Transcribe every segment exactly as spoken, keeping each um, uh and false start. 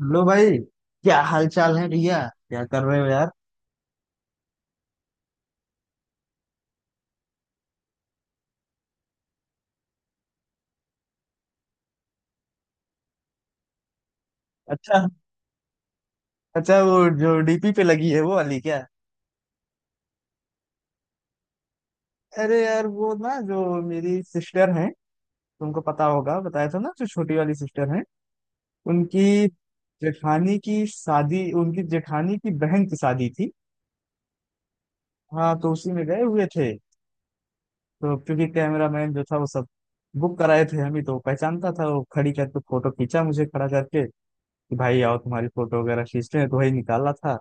Hello भाई, क्या हाल चाल है भैया। क्या कर रहे हो यार। अच्छा। अच्छा, वो जो डी पी पे लगी है वो वाली क्या? अरे यार, वो ना जो मेरी सिस्टर है, तुमको पता होगा, बताया था ना, जो छोटी वाली सिस्टर है, उनकी जेठानी की शादी, उनकी जेठानी की बहन की शादी थी। हाँ, तो उसी में गए हुए थे। तो क्योंकि कैमरामैन जो था वो सब बुक कराए थे हम ही, तो वो पहचानता था, वो खड़ी करके फोटो खींचा, मुझे खड़ा करके कि भाई आओ तुम्हारी फोटो वगैरह खींचते हैं, तो वही निकाला था।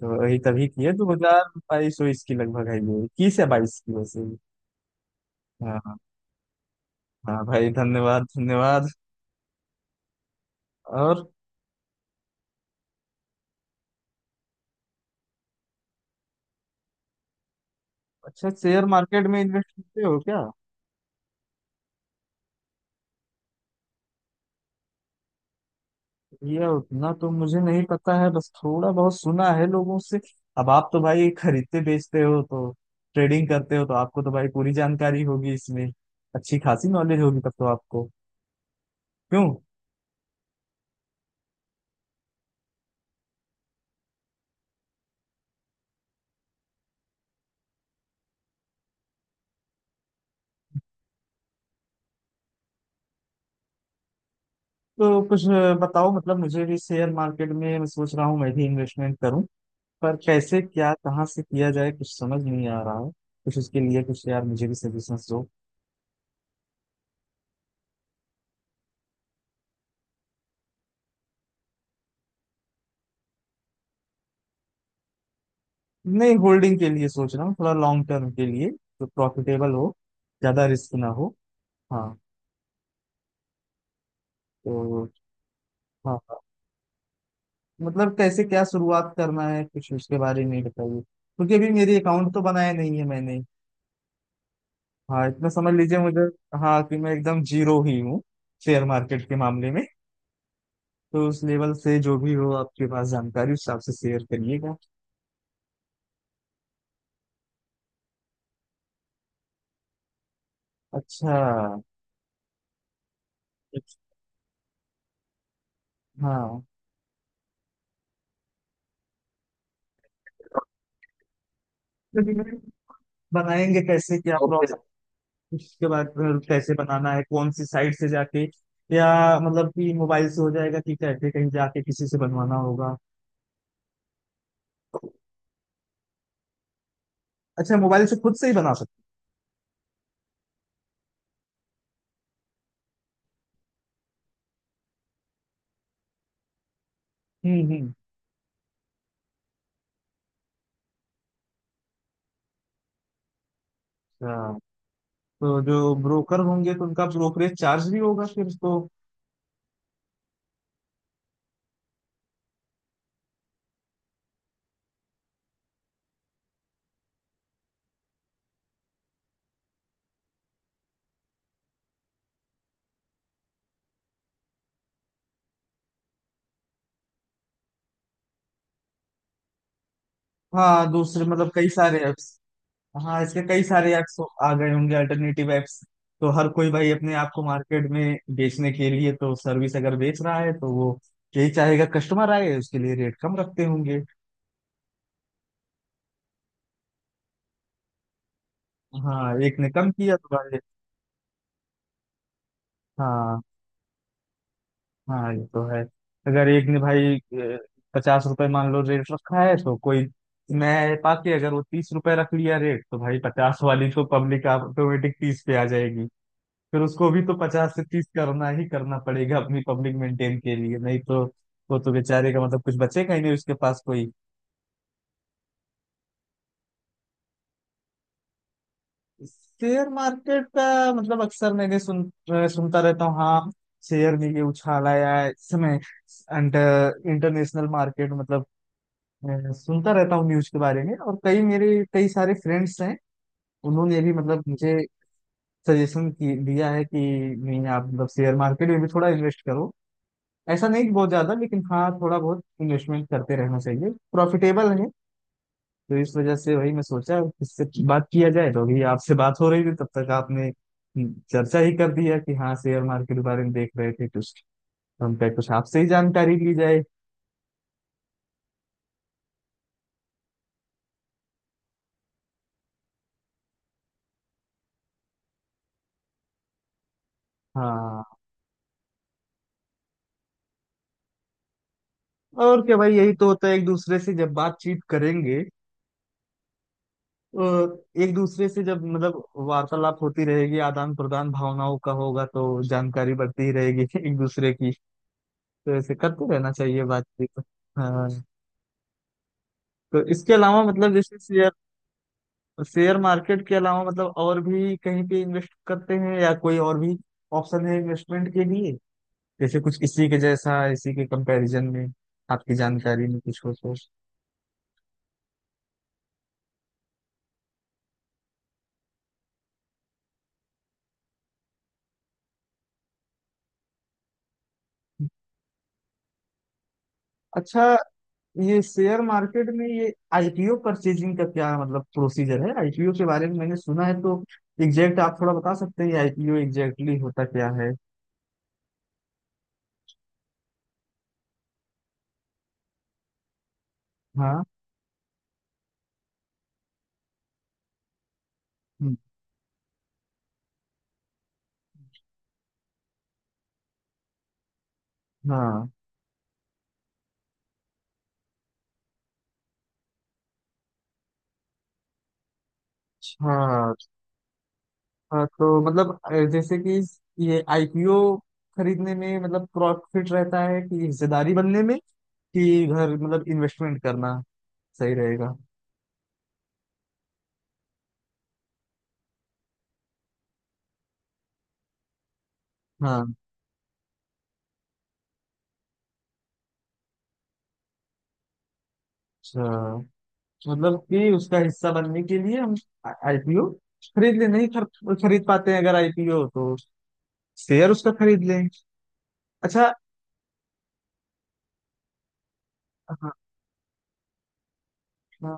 तो वही तभी किए, दो हजार बाईस उईस की लगभग आई है, इक्कीस या बाईस की, वैसे ही। हाँ। हाँ भाई, धन्यवाद धन्यवाद। और अच्छा, शेयर मार्केट में इन्वेस्ट करते हो क्या? भैया, उतना तो मुझे नहीं पता है, बस थोड़ा बहुत सुना है लोगों से। अब आप तो भाई खरीदते बेचते हो, तो ट्रेडिंग करते हो, तो आपको तो भाई पूरी जानकारी होगी इसमें, अच्छी खासी नॉलेज होगी तब तो आपको। क्यों? तो कुछ बताओ, मतलब मुझे भी शेयर मार्केट में, मैं सोच रहा हूँ मैं भी इन्वेस्टमेंट करूँ, पर कैसे क्या, कहाँ से किया जाए, कुछ समझ नहीं आ रहा है। कुछ उसके लिए कुछ यार मुझे भी सजेशंस दो। नहीं, होल्डिंग के लिए सोच रहा हूँ, थोड़ा लॉन्ग टर्म के लिए जो प्रॉफिटेबल हो, ज्यादा रिस्क ना हो। हाँ। तो हाँ हाँ। मतलब कैसे क्या शुरुआत करना है, कुछ उसके बारे में बताइए, क्योंकि अभी मेरी अकाउंट तो बनाया नहीं है मैंने। हाँ, इतना समझ लीजिए मुझे। हाँ, कि मैं एकदम जीरो ही हूँ शेयर मार्केट के मामले में। तो उस लेवल से जो भी हो आपके पास जानकारी, उस हिसाब से शेयर करिएगा। अच्छा। हाँ, लेकिन बनाएंगे कैसे क्या, और फिर प्रोसेस उसके बाद फिर कैसे बनाना है, कौन सी साइट से जाके, या मतलब कि मोबाइल से हो जाएगा कि कैसे, कहीं जाके किसी से बनवाना होगा? अच्छा, मोबाइल से खुद से ही बना सकते हैं। हम्म हम्म। अच्छा, तो जो ब्रोकर होंगे तो उनका ब्रोकरेज चार्ज भी होगा फिर तो। हाँ दूसरे मतलब कई सारे ऐप्स, हाँ इसके कई सारे ऐप्स आ गए होंगे, अल्टरनेटिव ऐप्स। तो हर कोई भाई अपने आप को मार्केट में बेचने के लिए, तो सर्विस अगर बेच रहा है तो वो यही चाहेगा कस्टमर आए, उसके लिए रेट कम रखते होंगे। हाँ एक ने कम किया तो भाई। हाँ हाँ, ये तो है। अगर एक ने भाई पचास रुपए मान लो रेट रखा है, तो कोई मैं पाके अगर वो तीस रुपए रख लिया रेट, तो भाई पचास वाली तो पब्लिक ऑटोमेटिक तीस पे आ जाएगी। फिर उसको भी तो पचास से तीस करना ही करना पड़ेगा, अपनी पब्लिक मेंटेन के लिए, नहीं तो वो तो बेचारे का मतलब कुछ बचेगा ही नहीं उसके पास कोई। शेयर मार्केट का मतलब अक्सर मैंने सुन अ, सुनता रहता हूँ, हाँ, शेयर में ये उछाल आया है इस समय, अंडर इंटरनेशनल मार्केट मतलब, अ, सुनता रहता हूँ न्यूज के बारे में। और कई मेरे कई सारे फ्रेंड्स हैं, उन्होंने भी मतलब मुझे सजेशन की दिया है कि नहीं आप मतलब शेयर मार्केट में भी थोड़ा इन्वेस्ट करो, ऐसा नहीं कि बहुत ज्यादा, लेकिन हाँ थोड़ा बहुत इन्वेस्टमेंट करते रहना चाहिए, प्रॉफिटेबल है। तो इस वजह से वही मैं सोचा इससे बात किया जाए, तो अभी आपसे बात हो रही थी तब तक आपने चर्चा ही कर दिया कि हाँ शेयर मार्केट के बारे में देख रहे थे कुछ, तो हम कहे कुछ आपसे ही जानकारी ली जाए। हाँ और क्या भाई, यही तो होता है, एक दूसरे से जब बातचीत करेंगे, और एक दूसरे से जब मतलब वार्तालाप होती रहेगी, आदान प्रदान भावनाओं का होगा, तो जानकारी बढ़ती ही रहेगी एक दूसरे की। तो ऐसे करते रहना चाहिए बातचीत। हाँ, तो इसके अलावा मतलब जैसे शेयर, शेयर मार्केट के अलावा मतलब और भी कहीं पे इन्वेस्ट करते हैं, या कोई और भी ऑप्शन है इन्वेस्टमेंट के लिए, जैसे कुछ इसी के जैसा, इसी के कंपैरिजन में आपकी जानकारी में कुछ हो तो। अच्छा, ये शेयर मार्केट में ये आई पी ओ परचेजिंग का क्या मतलब प्रोसीजर है, आई पी ओ के बारे में मैंने सुना है तो एग्जैक्ट आप थोड़ा बता सकते हैं आई पी ओ एग्जैक्टली होता क्या है? हाँ। हम्म। हाँ। अच्छा। हाँ तो मतलब अ, जैसे कि ये आई पी ओ खरीदने में मतलब प्रॉफिट रहता है कि हिस्सेदारी बनने में, कि घर मतलब इन्वेस्टमेंट करना सही रहेगा? हाँ। अच्छा, मतलब कि उसका हिस्सा बनने के लिए हम आई पी ओ खरीद ले नहीं खर, खरीद पाते हैं अगर आई पी ओ, तो शेयर उसका खरीद लें। अच्छा। हाँ। हाँ,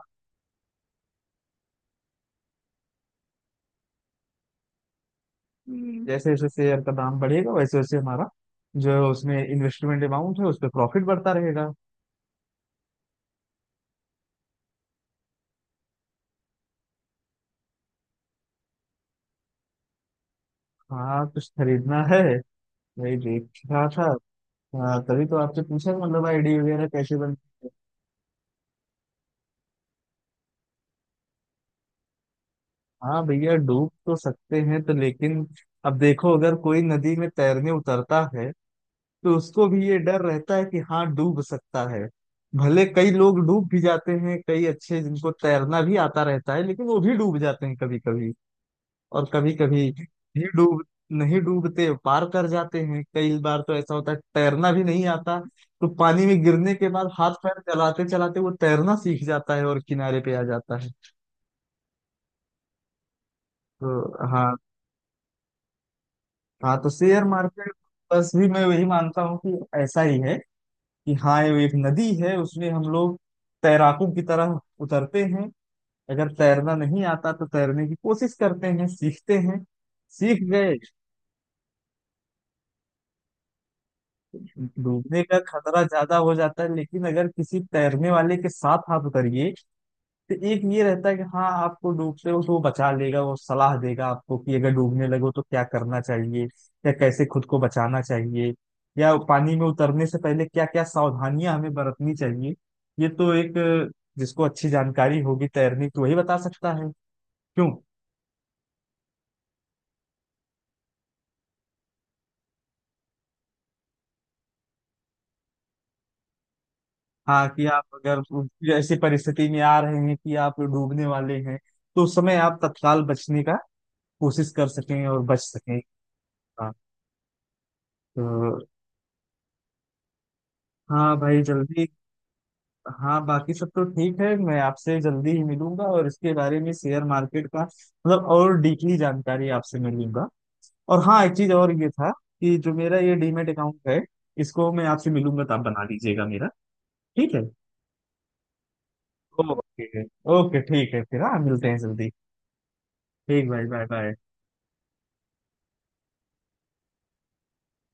जैसे जैसे शेयर का दाम बढ़ेगा वैसे वैसे हमारा जो उसमें इन्वेस्टमेंट अमाउंट है उस पर प्रॉफिट बढ़ता रहेगा। हाँ कुछ खरीदना है, वही देख रहा था। हाँ तभी तो आपसे पूछा, मतलब आई डी वगैरह कैसे बन। हाँ भैया डूब तो सकते हैं तो, लेकिन अब देखो अगर कोई नदी में तैरने उतरता है, तो उसको भी ये डर रहता है कि हाँ डूब सकता है। भले कई लोग डूब भी जाते हैं, कई अच्छे जिनको तैरना भी आता रहता है लेकिन वो भी डूब जाते हैं कभी कभी, और कभी कभी भी डूब नहीं डूबते पार कर जाते हैं। कई बार तो ऐसा होता है तैरना भी नहीं आता, तो पानी में गिरने के बाद हाथ पैर चलाते चलाते वो तैरना सीख जाता है और किनारे पे आ जाता है। तो हाँ। हाँ तो शेयर मार्केट बस भी मैं वही मानता हूँ कि ऐसा ही है, कि हाँ ये एक नदी है, उसमें हम लोग तैराकों की तरह उतरते हैं, अगर तैरना नहीं आता तो तैरने की कोशिश करते हैं, सीखते हैं, सीख गए। डूबने का खतरा ज्यादा हो जाता है, लेकिन अगर किसी तैरने वाले के साथ आप उतरिए, तो एक ये रहता है कि हाँ आपको डूबते हो तो वो बचा लेगा, वो सलाह देगा आपको कि अगर डूबने लगो तो क्या करना चाहिए या कैसे खुद को बचाना चाहिए, या पानी में उतरने से पहले क्या क्या सावधानियां हमें बरतनी चाहिए। ये तो एक अ, जिसको अच्छी जानकारी होगी तैरने की वही बता सकता है। क्यों? हाँ, कि आप अगर उ- ऐसी परिस्थिति में आ रहे हैं कि आप डूबने वाले हैं, तो उस समय आप तत्काल बचने का कोशिश कर सकें और बच सकें। हाँ। तो हाँ भाई जल्दी। हाँ बाकी सब तो ठीक है, मैं आपसे जल्दी ही मिलूंगा और इसके बारे में शेयर मार्केट का मतलब और डीपली जानकारी आपसे मिलूंगा। और हाँ एक चीज और ये था कि जो मेरा ये डी मेट अकाउंट है, इसको मैं आपसे मिलूंगा तो आप बना दीजिएगा मेरा। ठीक है। ओके। ओके ठीक है फिर, हाँ मिलते हैं जल्दी। ठीक भाई, बाय बाय।